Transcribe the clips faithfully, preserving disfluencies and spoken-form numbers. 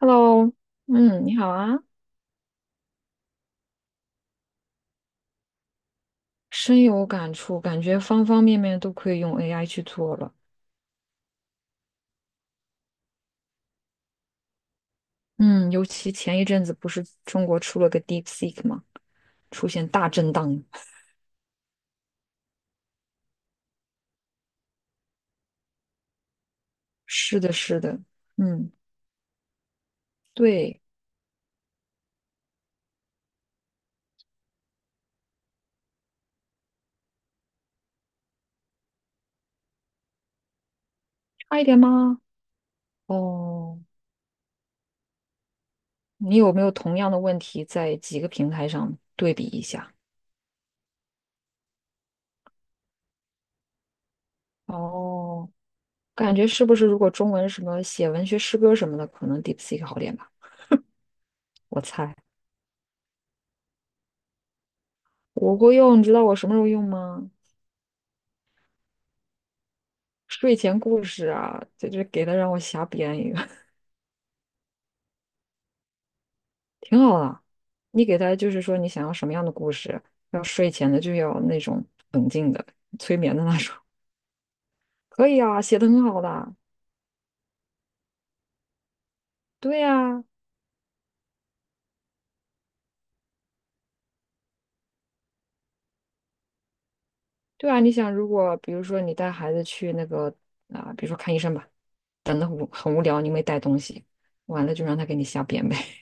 Hello，嗯，你好啊，深有感触，感觉方方面面都可以用 A I 去做了。嗯，尤其前一阵子不是中国出了个 DeepSeek 吗？出现大震荡。是的，是的，嗯，对，差一点吗？哦，你有没有同样的问题在几个平台上对比一下？哦，感觉是不是如果中文什么写文学诗歌什么的，可能 DeepSeek 好点吧？我猜。我会用，你知道我什么时候用吗？睡前故事啊，这就给他让我瞎编一个，挺好的。你给他就是说你想要什么样的故事，要睡前的就要那种催眠的那种，可以啊，写的很好的。对呀，对啊，你想如果比如说你带孩子去那个啊、比如说看医生吧，等的无很无聊，你没带东西，完了就让他给你瞎编呗。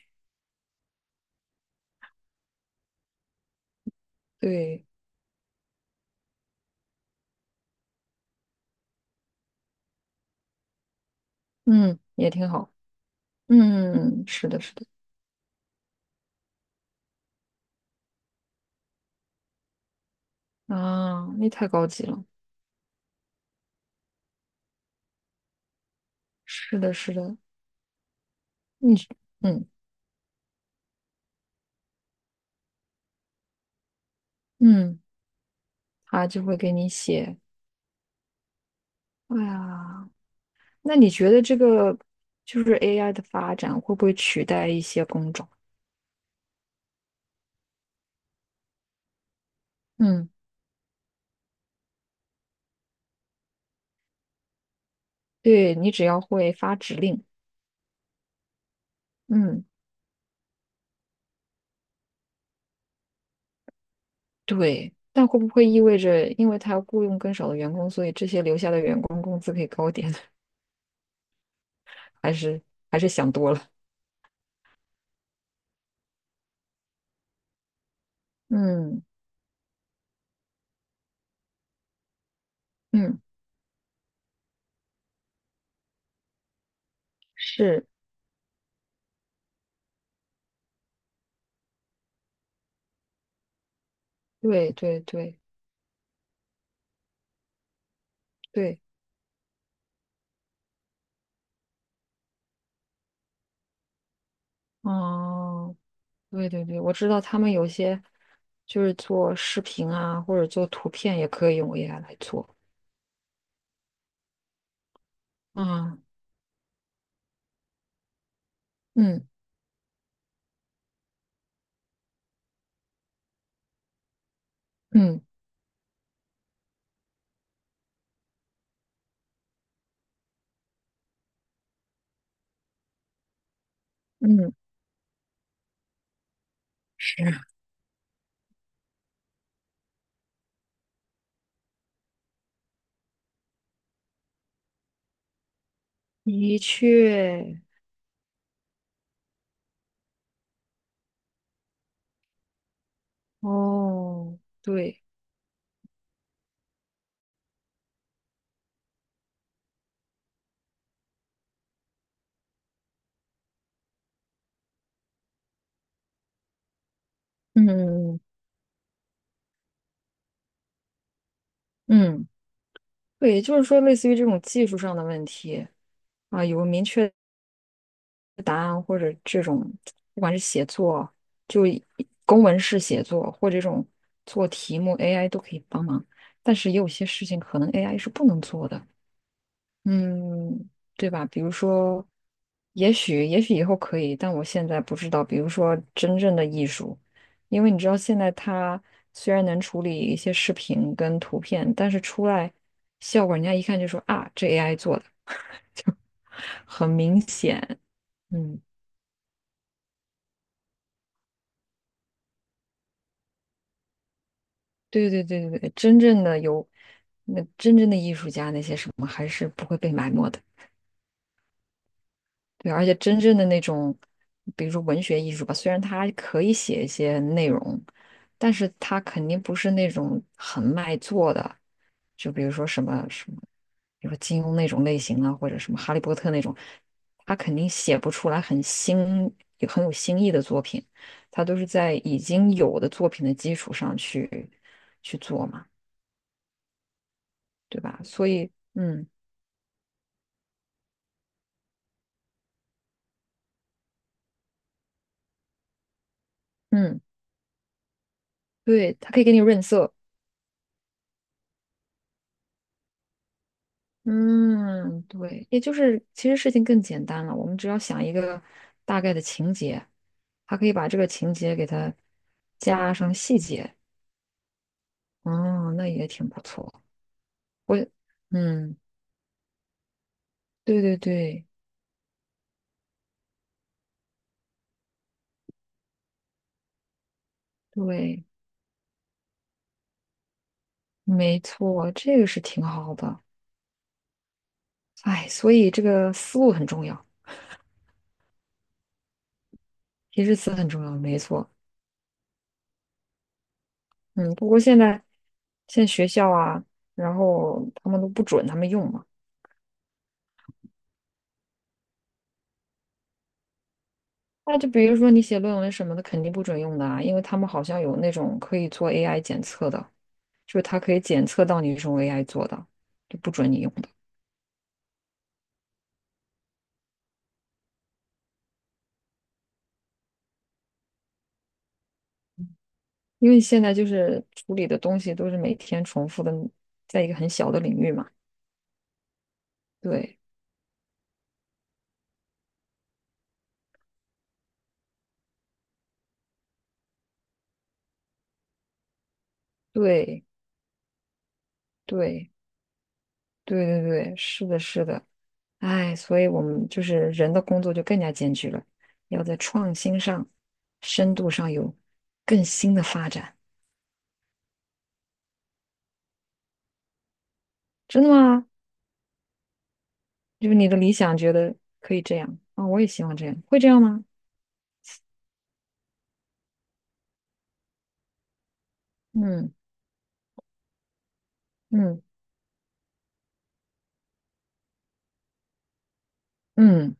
对，嗯，也挺好。嗯，是的，是的，啊，那太高级了。是的，是的，你嗯嗯。它就会给你写。哎呀，那你觉得这个就是 A I 的发展会不会取代一些工种？嗯，对，你只要会发指令，嗯，对。但会不会意味着，因为他要雇佣更少的员工，所以这些留下的员工工资可以高点？还是还是想多了？嗯嗯，是，对对对对，哦，对对对，我知道他们有些就是做视频啊，或者做图片也可以用 A I 来做。啊，嗯嗯嗯，是啊，的确，哦，对，嗯嗯对，也就是说，类似于这种技术上的问题啊，有个明确的答案，或者这种不管是写作，就以公文式写作，或者这种做题目，A I 都可以帮忙。但是也有些事情可能 A I 是不能做的。嗯，对吧？比如说，也许也许以后可以，但我现在不知道。比如说，真正的艺术，因为你知道，现在它虽然能处理一些视频跟图片，但是出来效果，人家一看就说啊，这 A I 做的，很明显。嗯，对对对对对，真正的有那真正的艺术家那些什么，还是不会被埋没的。对，而且真正的那种，比如说文学艺术吧，虽然它可以写一些内容，但是它肯定不是那种很卖座的，就比如说什么什么，比如说金庸那种类型啊，或者什么哈利波特那种，他肯定写不出来很新、有很有新意的作品，他都是在已经有的作品的基础上去去做嘛，对吧？所以，嗯嗯，对，他可以给你润色。嗯，对，也就是其实事情更简单了，我们只要想一个大概的情节，还可以把这个情节给它加上细节，哦，那也挺不错。我，嗯，对对对对，没错，这个是挺好的。哎，所以这个思路很重要，提示词很重要，没错。嗯，不过现在现在学校啊，然后他们都不准他们用嘛。那就比如说你写论文什么的，肯定不准用的啊，因为他们好像有那种可以做 A I 检测的，就是它可以检测到你是用 A I 做的，就不准你用的，因为现在就是处理的东西都是每天重复的，在一个很小的领域嘛。对对对对对对，是的，是的，哎，所以我们就是人的工作就更加艰巨了，要在创新上、深度上有更新的发展。真的吗？就是你的理想觉得可以这样啊、我也希望这样，会这样吗？嗯嗯嗯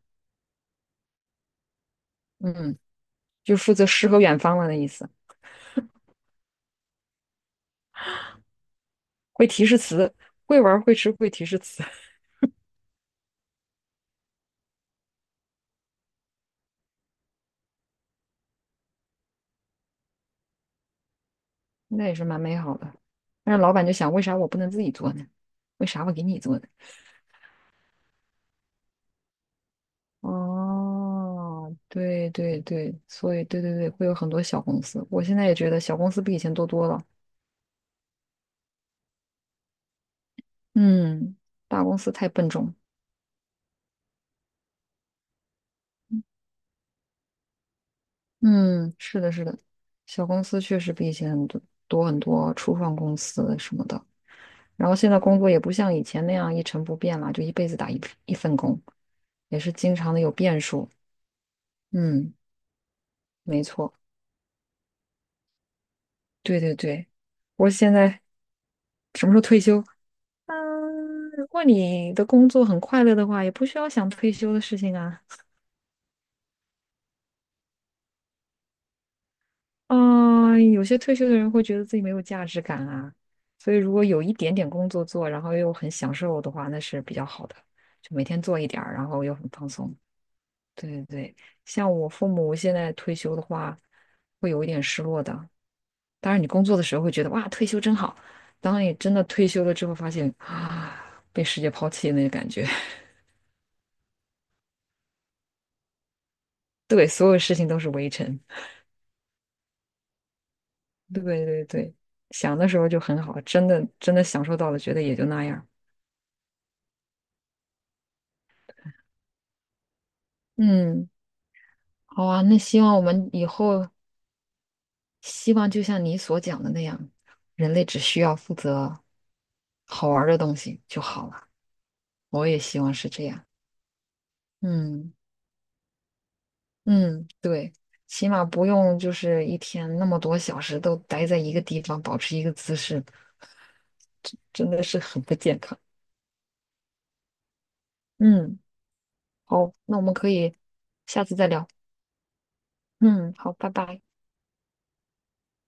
嗯，就负责诗和远方了的意思，会提示词，会玩儿会吃会提示词，那也是蛮美好的。但是老板就想，为啥我不能自己做呢？为啥我给你做呢？哦，对对对，所以对对对，会有很多小公司。我现在也觉得小公司比以前多多了。嗯，大公司太笨重了嗯，是的，是的，小公司确实比以前很多多很多，初创公司什么的。然后现在工作也不像以前那样一成不变了，就一辈子打一一份工，也是经常的有变数。嗯，没错，对对对。我现在什么时候退休？嗯，如果你的工作很快乐的话，也不需要想退休的事情啊。嗯，有些退休的人会觉得自己没有价值感啊，所以如果有一点点工作做，然后又很享受的话，那是比较好的。就每天做一点儿，然后又很放松。对对对，像我父母现在退休的话，会有一点失落的。当然，你工作的时候会觉得哇，退休真好。当你真的退休了之后，发现啊，被世界抛弃的那个感觉。对，所有事情都是围城。对对对，想的时候就很好，真的真的享受到了，觉得也就那样。嗯。好啊，那希望我们以后希望就像你所讲的那样，人类只需要负责好玩儿的东西就好了。我也希望是这样。嗯嗯，对，起码不用就是一天那么多小时都待在一个地方，保持一个姿势，真的是很不健康。嗯，好，那我们可以下次再聊。嗯，好，拜拜。